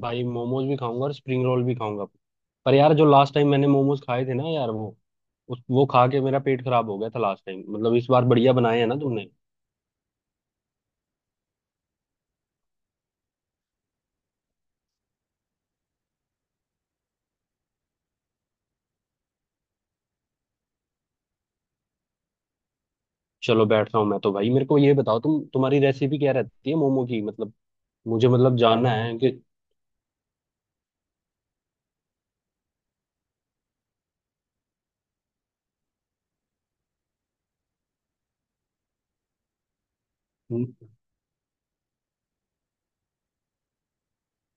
भाई मोमोज भी खाऊंगा और स्प्रिंग रोल भी खाऊंगा। पर यार जो लास्ट टाइम मैंने मोमोज खाए थे ना यार वो उस वो खा के मेरा पेट खराब हो गया था लास्ट टाइम। मतलब इस बार बढ़िया बनाए हैं ना तुमने? चलो बैठ रहा हूँ मैं तो। भाई मेरे को ये बताओ तुम्हारी रेसिपी क्या रहती है मोमो की? मतलब मुझे मतलब जानना है कि।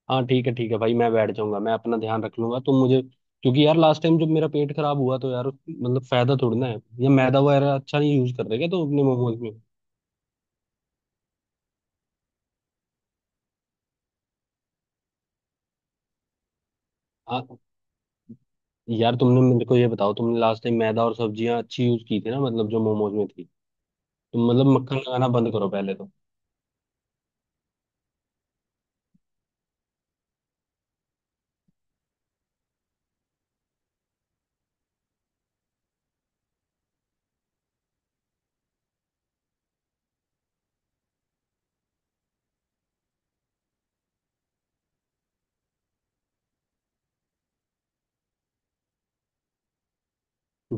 हाँ ठीक है भाई मैं बैठ जाऊंगा, मैं अपना ध्यान रख लूंगा। तुम मुझे, क्योंकि यार लास्ट टाइम जब मेरा पेट खराब हुआ तो यार मतलब फायदा थोड़ी ना है, या मैदा वगैरह अच्छा नहीं यूज कर रहे क्या तुम अपने मोमोज में? हाँ, यार तुमने मेरे को ये बताओ, तुमने लास्ट टाइम मैदा और सब्जियां अच्छी यूज की थी ना, मतलब जो मोमोज में थी। तुम मतलब मक्खन लगाना बंद करो पहले तो।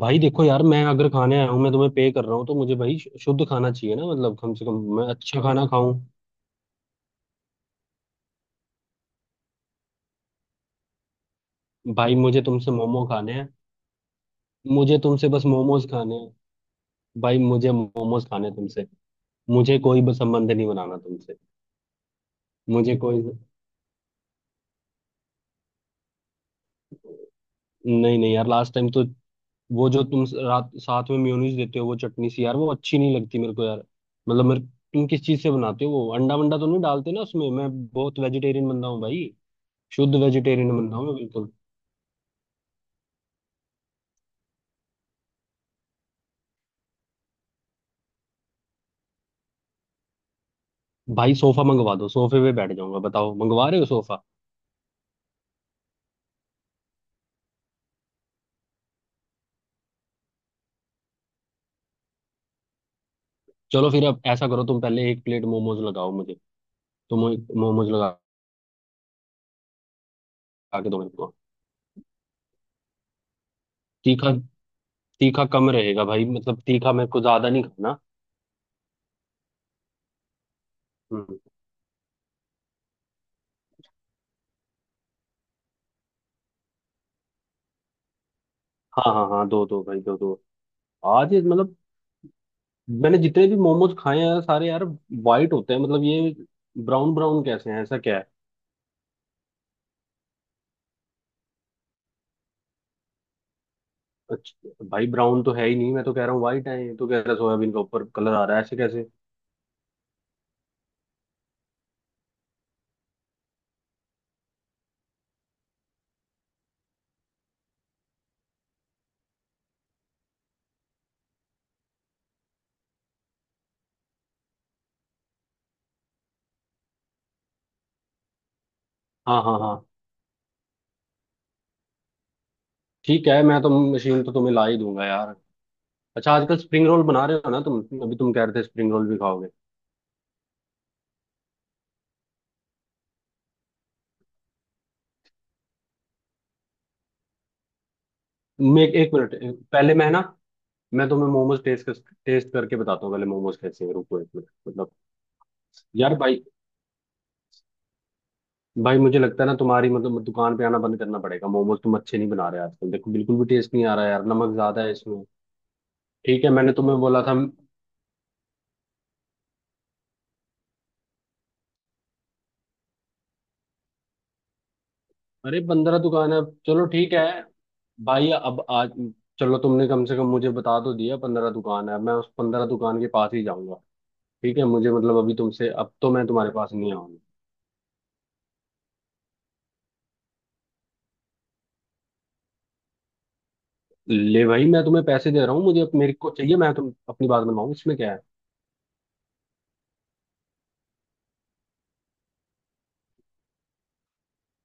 भाई देखो यार मैं अगर खाने आया हूँ, मैं तुम्हें पे कर रहा हूँ तो मुझे भाई शुद्ध खाना चाहिए ना, मतलब कम से कम मैं अच्छा खाना खाऊं। भाई मुझे तुमसे मोमो खाने हैं। मुझे तुमसे बस मोमोज खाने हैं। भाई मुझे मोमोज खाने हैं तुमसे। मुझे कोई बस संबंध नहीं बनाना तुमसे। मुझे कोई नहीं नहीं यार, लास्ट टाइम तो वो जो तुम रात साथ में मेयोनीज देते हो, वो चटनी सी यार वो अच्छी नहीं लगती मेरे को यार। मतलब मेरे, तुम किस चीज से बनाते हो? वो अंडा वंडा तो नहीं डालते ना उसमें? मैं बहुत वेजिटेरियन बंदा हूँ भाई, शुद्ध वेजिटेरियन बंदा हूँ मैं बिल्कुल। भाई सोफा मंगवा दो, सोफे पे बैठ जाऊंगा। बताओ मंगवा रहे हो सोफा? चलो फिर अब ऐसा करो, तुम पहले एक प्लेट मोमोज लगाओ मुझे। तुम मोमोज लगा लगा के दो मेरे को। तीखा, तीखा कम रहेगा भाई। मतलब तीखा मेरे को ज्यादा नहीं खाना। हम्म। हाँ हाँ हाँ, दो दो भाई दो दो। आज ये मतलब मैंने जितने भी मोमोज खाए हैं सारे यार वाइट होते हैं, मतलब ये ब्राउन ब्राउन कैसे हैं, ऐसा क्या है? अच्छा भाई ब्राउन तो है ही नहीं, मैं तो कह रहा हूँ वाइट है, ये तो कह रहा है सोयाबीन के ऊपर कलर आ रहा है, ऐसे कैसे? हाँ हाँ हाँ, ठीक है मैं तो मशीन तो तुम्हें ला ही दूंगा यार। अच्छा आजकल स्प्रिंग रोल बना रहे हो ना तुम, अभी तुम कह रहे थे स्प्रिंग रोल भी खाओगे। मैं एक एक मिनट, पहले मैं ना, मैं तुम्हें मोमोज टेस्ट टेस्ट करके बताता हूँ पहले, मोमोज कैसे हैं, रुको एक मिनट, मतलब। यार भाई भाई मुझे लगता है ना तुम्हारी मतलब दुकान पे आना बंद करना पड़ेगा। मोमोज तुम अच्छे नहीं बना रहे आजकल, देखो बिल्कुल भी टेस्ट नहीं आ रहा है यार, नमक ज्यादा है इसमें। ठीक है, मैंने तुम्हें बोला था। अरे 15 दुकान है, चलो ठीक है भाई। अब आज चलो तुमने कम से कम मुझे बता तो दिया 15 दुकान है, मैं उस 15 दुकान के पास ही जाऊंगा। ठीक है, मुझे मतलब अभी तुमसे, अब तो मैं तुम्हारे पास नहीं आऊंगा। ले भाई मैं तुम्हें पैसे दे रहा हूँ, मुझे मेरे को चाहिए, मैं तुम अपनी बात मनवाऊँ इसमें क्या है?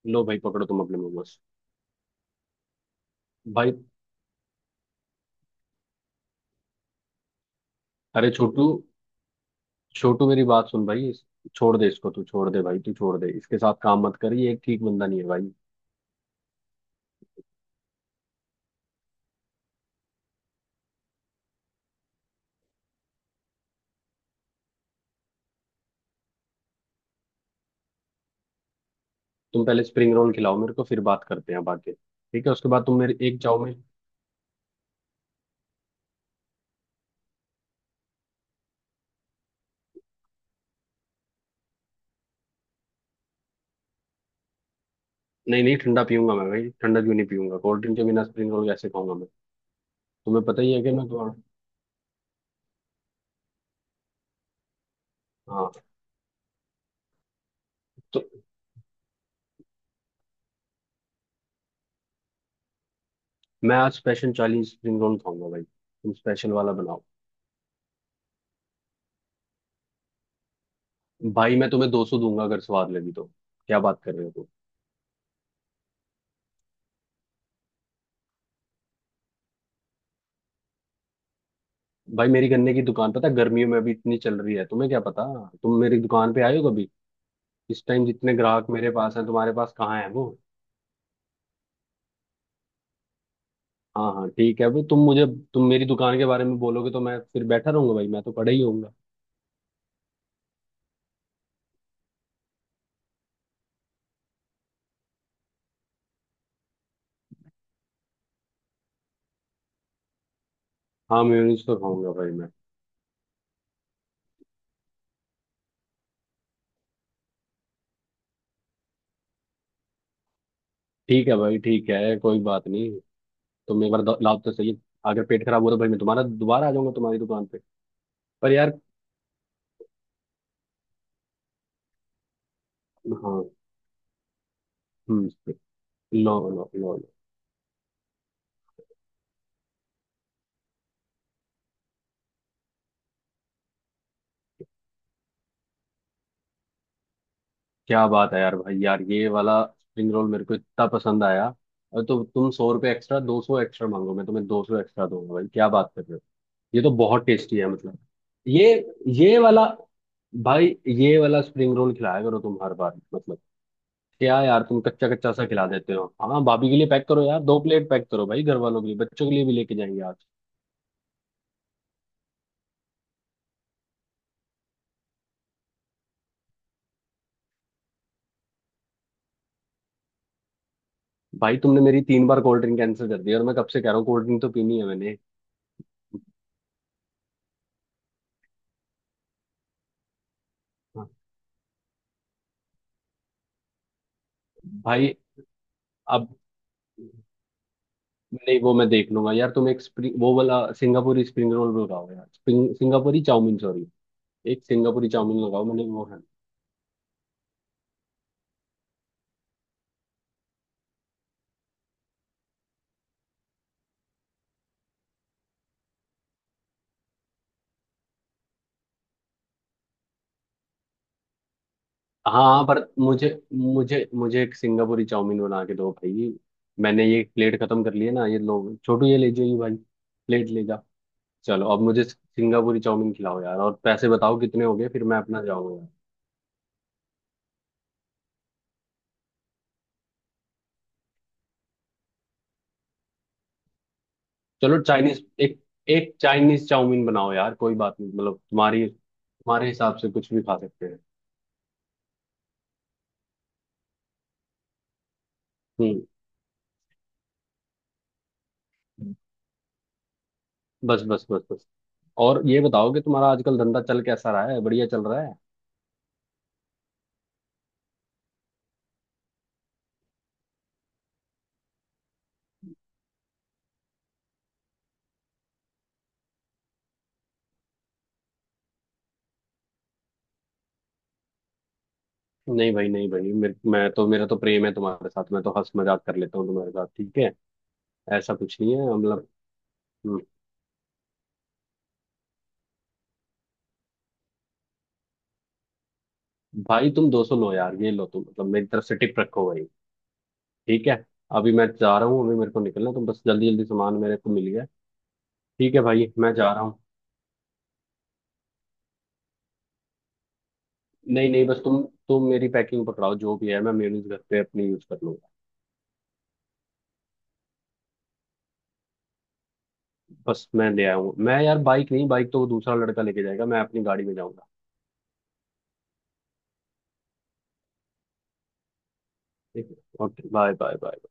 लो भाई पकड़ो तुम अपने मोमोज। भाई अरे छोटू, छोटू मेरी बात सुन भाई, छोड़ दे इसको, तू छोड़ दे भाई, तू छोड़ दे, इसके साथ काम मत कर, ये एक ठीक बंदा नहीं है भाई। तुम पहले स्प्रिंग रोल खिलाओ मेरे को फिर बात करते हैं बाकी, ठीक है उसके बाद तुम मेरे एक चाव में। नहीं नहीं, ठंडा पीऊंगा मैं भाई, ठंडा क्यों नहीं पीऊंगा? कोल्ड ड्रिंक के बिना स्प्रिंग रोल कैसे खाऊंगा मैं? तुम्हें पता ही है कि मैं थोड़ा। हाँ। तो मैं आज स्पेशल 40 स्प्रिंग रोल खाऊंगा भाई, तुम स्पेशल वाला बनाओ। भाई मैं तुम्हें 200 दूंगा अगर स्वाद लगी तो। क्या बात कर रहे हो तुम? भाई मेरी गन्ने की दुकान पता है, गर्मियों में अभी इतनी चल रही है तुम्हें क्या पता। तुम मेरी दुकान पे आए हो? इस टाइम जितने ग्राहक मेरे पास हैं तुम्हारे पास कहाँ है वो। हाँ हाँ ठीक है, अभी तुम मुझे, तुम मेरी दुकान के बारे में बोलोगे तो मैं फिर बैठा रहूंगा भाई, मैं तो पड़ा ही होऊंगा। हाँ मेयोनीज तो खाऊंगा भाई मैं। ठीक है भाई ठीक है कोई बात नहीं, तुम एक बार लाओ तो सही। अगर पेट खराब हो तो भाई मैं तुम्हारा दोबारा आ जाऊंगा तुम्हारी दुकान पे। पर यार, हाँ, हम्म, लो लो लो लो। क्या बात है यार भाई, यार ये वाला स्प्रिंग रोल मेरे को इतना पसंद आया। और तो तुम 100 रुपये एक्स्ट्रा, 200 एक्स्ट्रा मांगो, मैं तुम्हें दो सौ एक्स्ट्रा दूंगा भाई, क्या बात कर रहे हो? ये तो बहुत टेस्टी है मतलब। ये ये वाला भाई, ये वाला स्प्रिंग रोल खिलाया करो तुम हर बार। मतलब क्या यार, तुम कच्चा कच्चा सा खिला देते हो। हाँ भाभी के लिए पैक करो यार, दो प्लेट पैक करो भाई, घर वालों के लिए बच्चों के लिए भी लेके जाएंगे आज। भाई तुमने मेरी 3 बार कोल्ड ड्रिंक कैंसिल कर दी और मैं कब से कह रहा हूँ कोल्ड ड्रिंक तो पीनी है मैंने। हाँ। भाई अब, नहीं वो मैं देख लूंगा यार, तुम एक स्प्रिंग वो वाला सिंगापुरी स्प्रिंग रोल भी लगाओ यार, स्प्रिंग सिंगापुरी चाउमीन सॉरी एक सिंगापुरी चाउमीन लगाओ, मैंने वो। हाँ पर मुझे मुझे मुझे एक सिंगापुरी चाउमीन बना के दो भाई। मैंने ये प्लेट खत्म कर लिया ना, ये लोग छोटू ये ले जाइए, ये भाई प्लेट ले जा। चलो अब मुझे सिंगापुरी चाउमीन खिलाओ यार, और पैसे बताओ कितने हो गए, फिर मैं अपना जाऊंगा यार। चलो चाइनीज एक एक चाइनीज चाउमीन बनाओ यार कोई बात नहीं, मतलब तुम्हारी तुम्हारे हिसाब से कुछ भी खा सकते हैं। हम्म, बस बस बस बस। और ये बताओ कि तुम्हारा आजकल धंधा चल कैसा रहा है, बढ़िया चल रहा है? नहीं भाई नहीं भाई मेरे, मैं तो, मेरा तो प्रेम है तुम्हारे साथ, मैं तो हंस मजाक कर लेता हूँ तुम्हारे साथ, ठीक है? ऐसा कुछ नहीं है मतलब। हम्म। भाई तुम 200 लो यार, ये लो तुम मतलब मेरी तरफ से टिप रखो भाई। ठीक है, अभी मैं जा रहा हूँ, अभी मेरे को निकलना है, तो बस जल्दी जल्दी सामान मेरे को मिल गया। ठीक है भाई मैं जा रहा हूँ। नहीं नहीं बस तुम मेरी पैकिंग पकड़ाओ जो भी है, मैं मेयूनीज घर पे अपनी यूज कर लूंगा। बस मैं ले आया हूँ मैं यार, बाइक नहीं, बाइक तो वो दूसरा लड़का लेके जाएगा, मैं अपनी गाड़ी में जाऊंगा। ठीक है, ओके बाय बाय बाय।